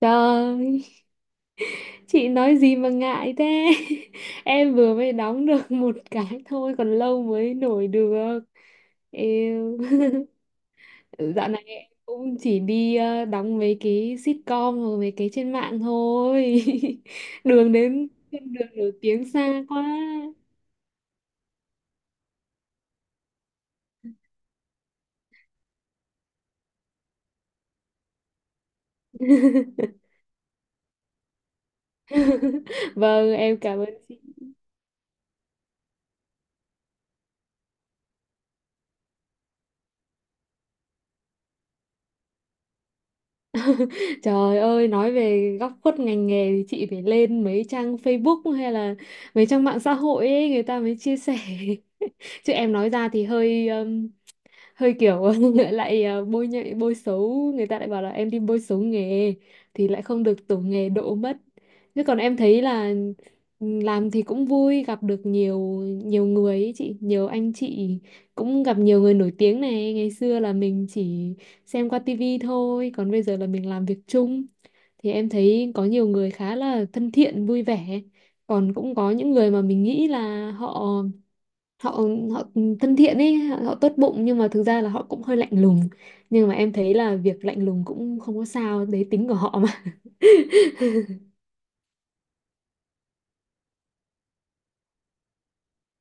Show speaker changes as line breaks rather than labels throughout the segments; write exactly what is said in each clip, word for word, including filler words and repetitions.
Trời, chị nói gì mà ngại thế? Em vừa mới đóng được một cái thôi, còn lâu mới nổi được. Yêu. Dạo này em cũng chỉ đi ờ, đóng mấy cái sitcom hoặc mấy cái trên mạng thôi. Đường đến trên đường nổi tiếng xa quá. Vâng, em cảm ơn chị. Trời ơi, nói về góc khuất ngành nghề thì chị phải lên mấy trang Facebook hay là mấy trang mạng xã hội ấy, người ta mới chia sẻ. Chứ em nói ra thì hơi um, hơi kiểu lại uh, bôi nhạy bôi xấu, người ta lại bảo là em đi bôi xấu nghề thì lại không được tổ nghề đỗ mất. Chứ còn em thấy là, ừ, làm thì cũng vui, gặp được nhiều nhiều người ấy chị, nhiều anh chị, cũng gặp nhiều người nổi tiếng này, ngày xưa là mình chỉ xem qua tivi thôi còn bây giờ là mình làm việc chung, thì em thấy có nhiều người khá là thân thiện vui vẻ. Còn cũng có những người mà mình nghĩ là họ họ họ thân thiện ấy, họ, họ tốt bụng, nhưng mà thực ra là họ cũng hơi lạnh lùng. Nhưng mà em thấy là việc lạnh lùng cũng không có sao, đấy tính của họ mà.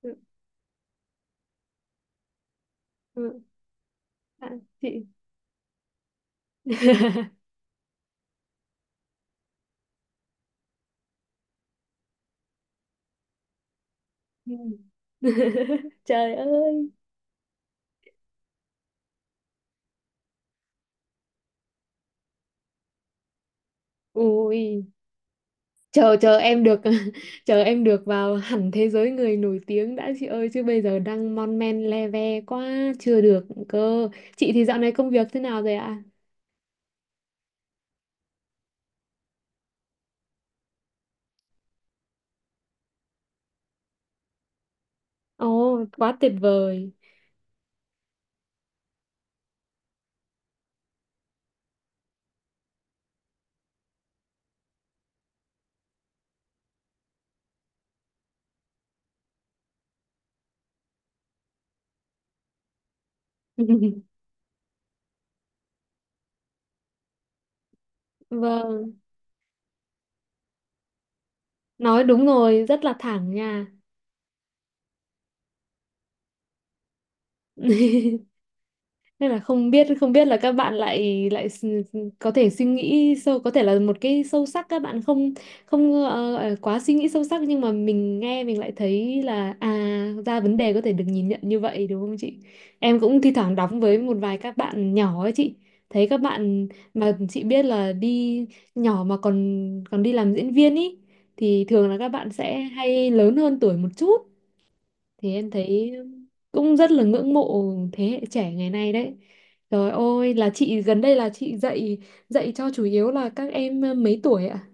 Ừ, ừ. À, chị. Ừ. Trời ơi. Ui, chờ chờ em được chờ em được vào hẳn thế giới người nổi tiếng đã chị ơi, chứ bây giờ đang mon men le ve quá chưa được cơ. Chị thì dạo này công việc thế nào rồi ạ? Ồ, quá tuyệt vời. Vâng, nói đúng rồi, rất là thẳng nha. Nên là không biết không biết là các bạn lại lại s- có thể suy nghĩ sâu, có thể là một cái sâu sắc các bạn không. Không ờ, ờ, quá suy nghĩ sâu sắc, nhưng mà mình nghe mình lại thấy là à ra vấn đề có thể được nhìn nhận như vậy, đúng không chị? Em cũng thi thoảng đóng với một vài các bạn nhỏ ấy chị, thấy các bạn mà chị biết là đi nhỏ mà còn còn đi làm diễn viên ý thì thường là các bạn sẽ hay lớn hơn tuổi một chút, thì em thấy cũng rất là ngưỡng mộ thế hệ trẻ ngày nay đấy. Trời ơi là chị gần đây là chị dạy dạy cho chủ yếu là các em ờ, mấy tuổi ạ?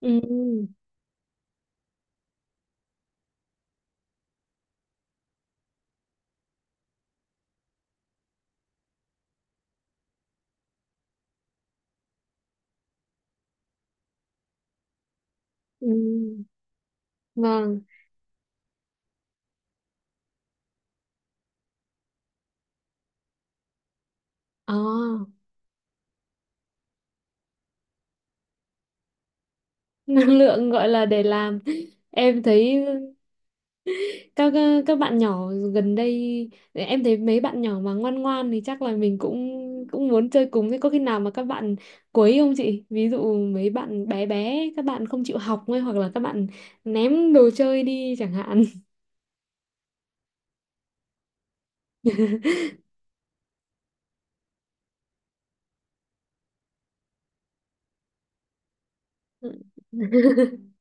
Ừ, ừ, vâng, à. Năng lượng gọi là để làm. Em thấy các ờ, các bạn nhỏ gần đây, em thấy mấy bạn nhỏ mà ngoan ngoan thì chắc là mình cũng cũng muốn chơi cùng. Thế có khi nào mà các bạn quấy không chị, ví dụ mấy bạn bé bé các bạn không chịu học ấy, hoặc là các bạn ném đồ chơi đi chẳng hạn?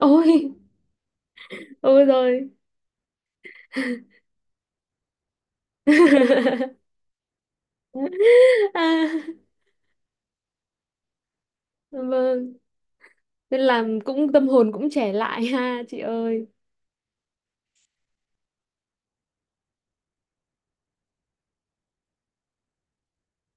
Ôi. Ôi rồi. À, vâng, nên làm cũng tâm hồn cũng trẻ lại ha chị ơi.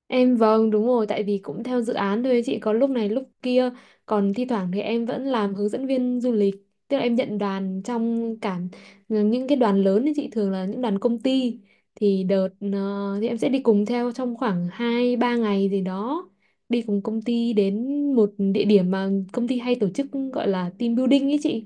Em, vâng, đúng rồi, tại vì cũng theo dự án thôi chị, có lúc này lúc kia. Còn thi thoảng thì em vẫn làm hướng dẫn viên du lịch, tức là em nhận đoàn trong cả những cái đoàn lớn thì chị thường là những đoàn công ty, thì đợt ờ, thì em sẽ đi cùng theo trong khoảng hai ba ngày gì đó, đi cùng công ty đến một địa điểm mà công ty hay tổ chức, gọi là team building ấy chị.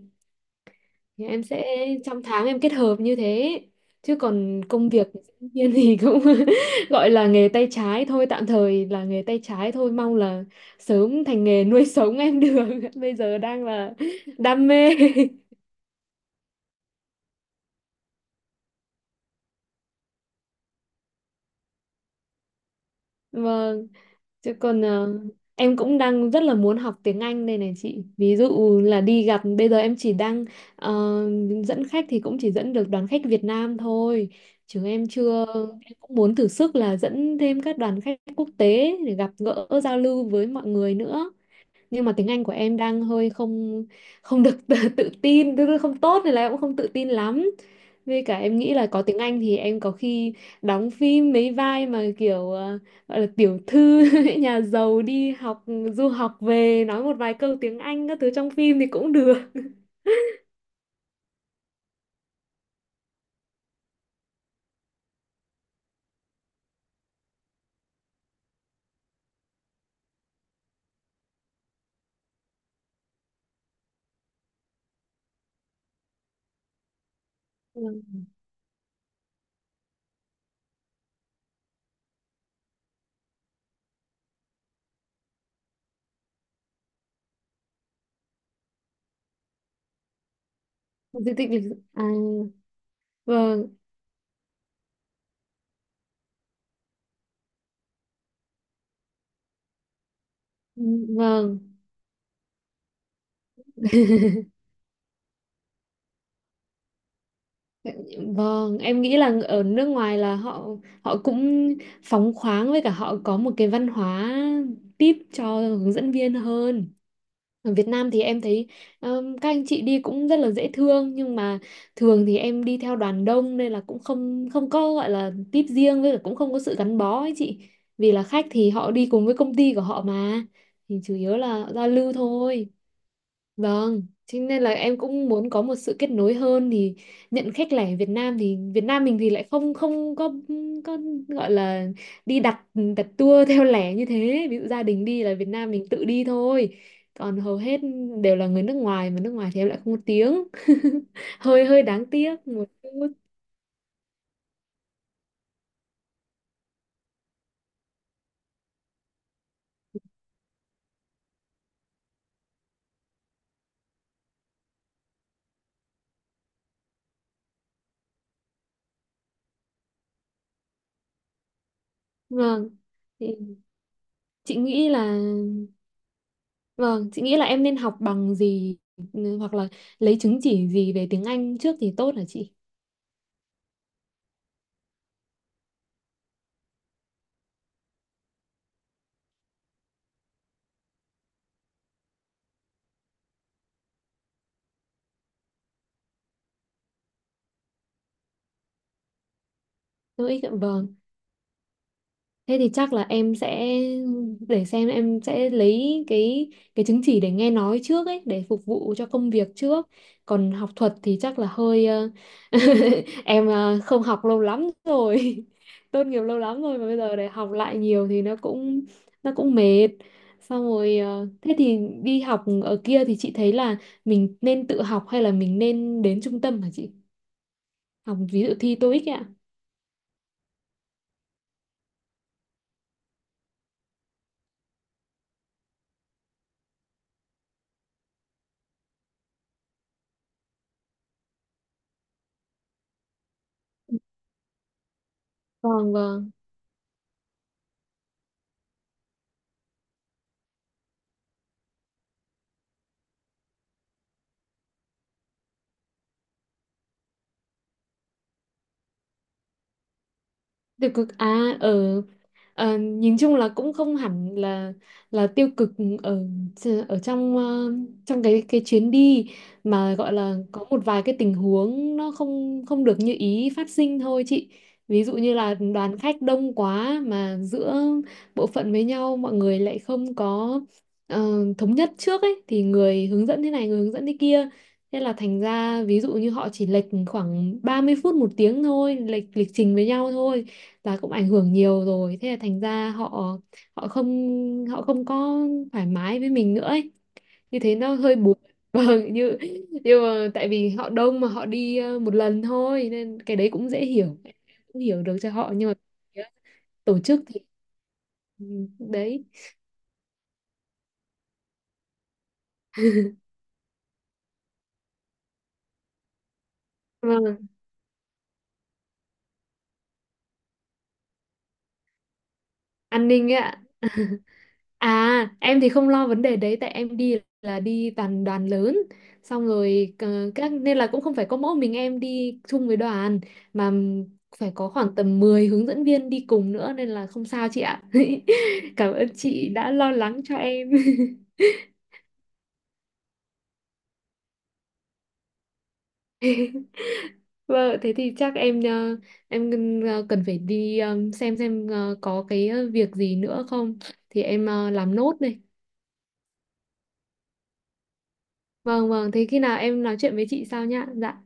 Thì em sẽ trong tháng em kết hợp như thế. Chứ còn công việc của sinh viên thì cũng gọi là nghề tay trái thôi, tạm thời là nghề tay trái thôi, mong là sớm thành nghề nuôi sống em được. Bây giờ đang là đam mê. Vâng. Chứ còn ờ, em cũng đang rất là muốn học tiếng Anh đây này chị. Ví dụ là đi gặp, bây giờ em chỉ đang ờ, dẫn khách thì cũng chỉ dẫn được đoàn khách Việt Nam thôi. Chứ em chưa, em cũng muốn thử sức là dẫn thêm các đoàn khách quốc tế để gặp gỡ giao lưu với mọi người nữa, nhưng mà tiếng Anh của em đang hơi không không được tự, tự tin, tức là không tốt nên là em cũng không tự tin lắm. Với cả em nghĩ là có tiếng Anh thì em có khi đóng phim mấy vai mà kiểu ờ, gọi là tiểu thư nhà giàu đi học du học về, nói một vài câu tiếng Anh các thứ trong phim thì cũng được. Vâng. Di tích lịch sử, à, vâng, vâng. Vâng, em nghĩ là ở nước ngoài là họ họ cũng phóng khoáng, với cả họ có một cái văn hóa tip cho hướng dẫn viên hơn. Ở Việt Nam thì em thấy um, các anh chị đi cũng rất là dễ thương, nhưng mà thường thì em đi theo đoàn đông nên là cũng không không có gọi là tip riêng, với cả cũng không có sự gắn bó ấy chị. Vì là khách thì họ đi cùng với công ty của họ mà, thì chủ yếu là giao lưu thôi. Vâng, thế nên là em cũng muốn có một sự kết nối hơn. Thì nhận khách lẻ Việt Nam, thì Việt Nam mình thì lại không không có có gọi là đi đặt đặt tour theo lẻ như thế. Ví dụ gia đình đi là Việt Nam mình tự đi thôi. Còn hầu hết đều là người nước ngoài, mà nước ngoài thì em lại không có tiếng. Hơi hơi đáng tiếc một chút. Vâng. Thì chị nghĩ là, vâng, chị nghĩ là em nên học bằng gì hoặc là lấy chứng chỉ gì về tiếng Anh trước thì tốt hả chị? Tôi vâng. Thế thì chắc là em sẽ để xem em sẽ lấy cái cái chứng chỉ để nghe nói trước ấy, để phục vụ cho công việc trước. Còn học thuật thì chắc là hơi ờ, em ờ, không học lâu lắm rồi. Tốt nghiệp lâu lắm rồi, mà bây giờ để học lại nhiều thì nó cũng nó cũng mệt. Xong rồi ờ, thế thì đi học ở kia thì chị thấy là mình nên tự học hay là mình nên đến trung tâm hả chị? Học ví dụ thi tô íc ấy ạ. Vâng, vâng. Được cực à, ở. Ờ, nhìn chung là cũng không hẳn là là tiêu cực, ở ở trong ờ, trong cái cái chuyến đi mà gọi là có một vài cái tình huống nó không không được như ý phát sinh thôi chị. Ví dụ như là đoàn khách đông quá mà giữa bộ phận với nhau mọi người lại không có ờ, thống nhất trước ấy, thì người hướng dẫn thế này người hướng dẫn thế kia. Thế là thành ra ví dụ như họ chỉ lệch khoảng ba mươi phút một tiếng thôi, lệch lịch trình với nhau thôi, và cũng ảnh hưởng nhiều rồi, thế là thành ra họ họ không họ không có thoải mái với mình nữa ấy. Như thế nó hơi buồn. Vâng, như nhưng mà tại vì họ đông mà họ đi ờ, một lần thôi nên cái đấy cũng dễ hiểu, cũng hiểu được cho họ. Nhưng mà phía tổ chức thì, ừ, đấy. Vâng, an ninh ấy ạ. À, em thì không lo vấn đề đấy tại em đi là đi toàn đoàn lớn. Xong rồi ờ, các nên là cũng không phải có mỗi mình em đi chung với đoàn, mà phải có khoảng tầm mười hướng dẫn viên đi cùng nữa, nên là không sao chị ạ. Cảm ơn chị đã lo lắng cho em. Vâng, thế thì chắc em ờ, em ờ, cần phải đi ờ, xem xem ờ, có cái ờ, việc gì nữa không thì em ờ, làm nốt này. Vâng, vâng, thế khi nào em nói chuyện với chị sau nhá. Dạ.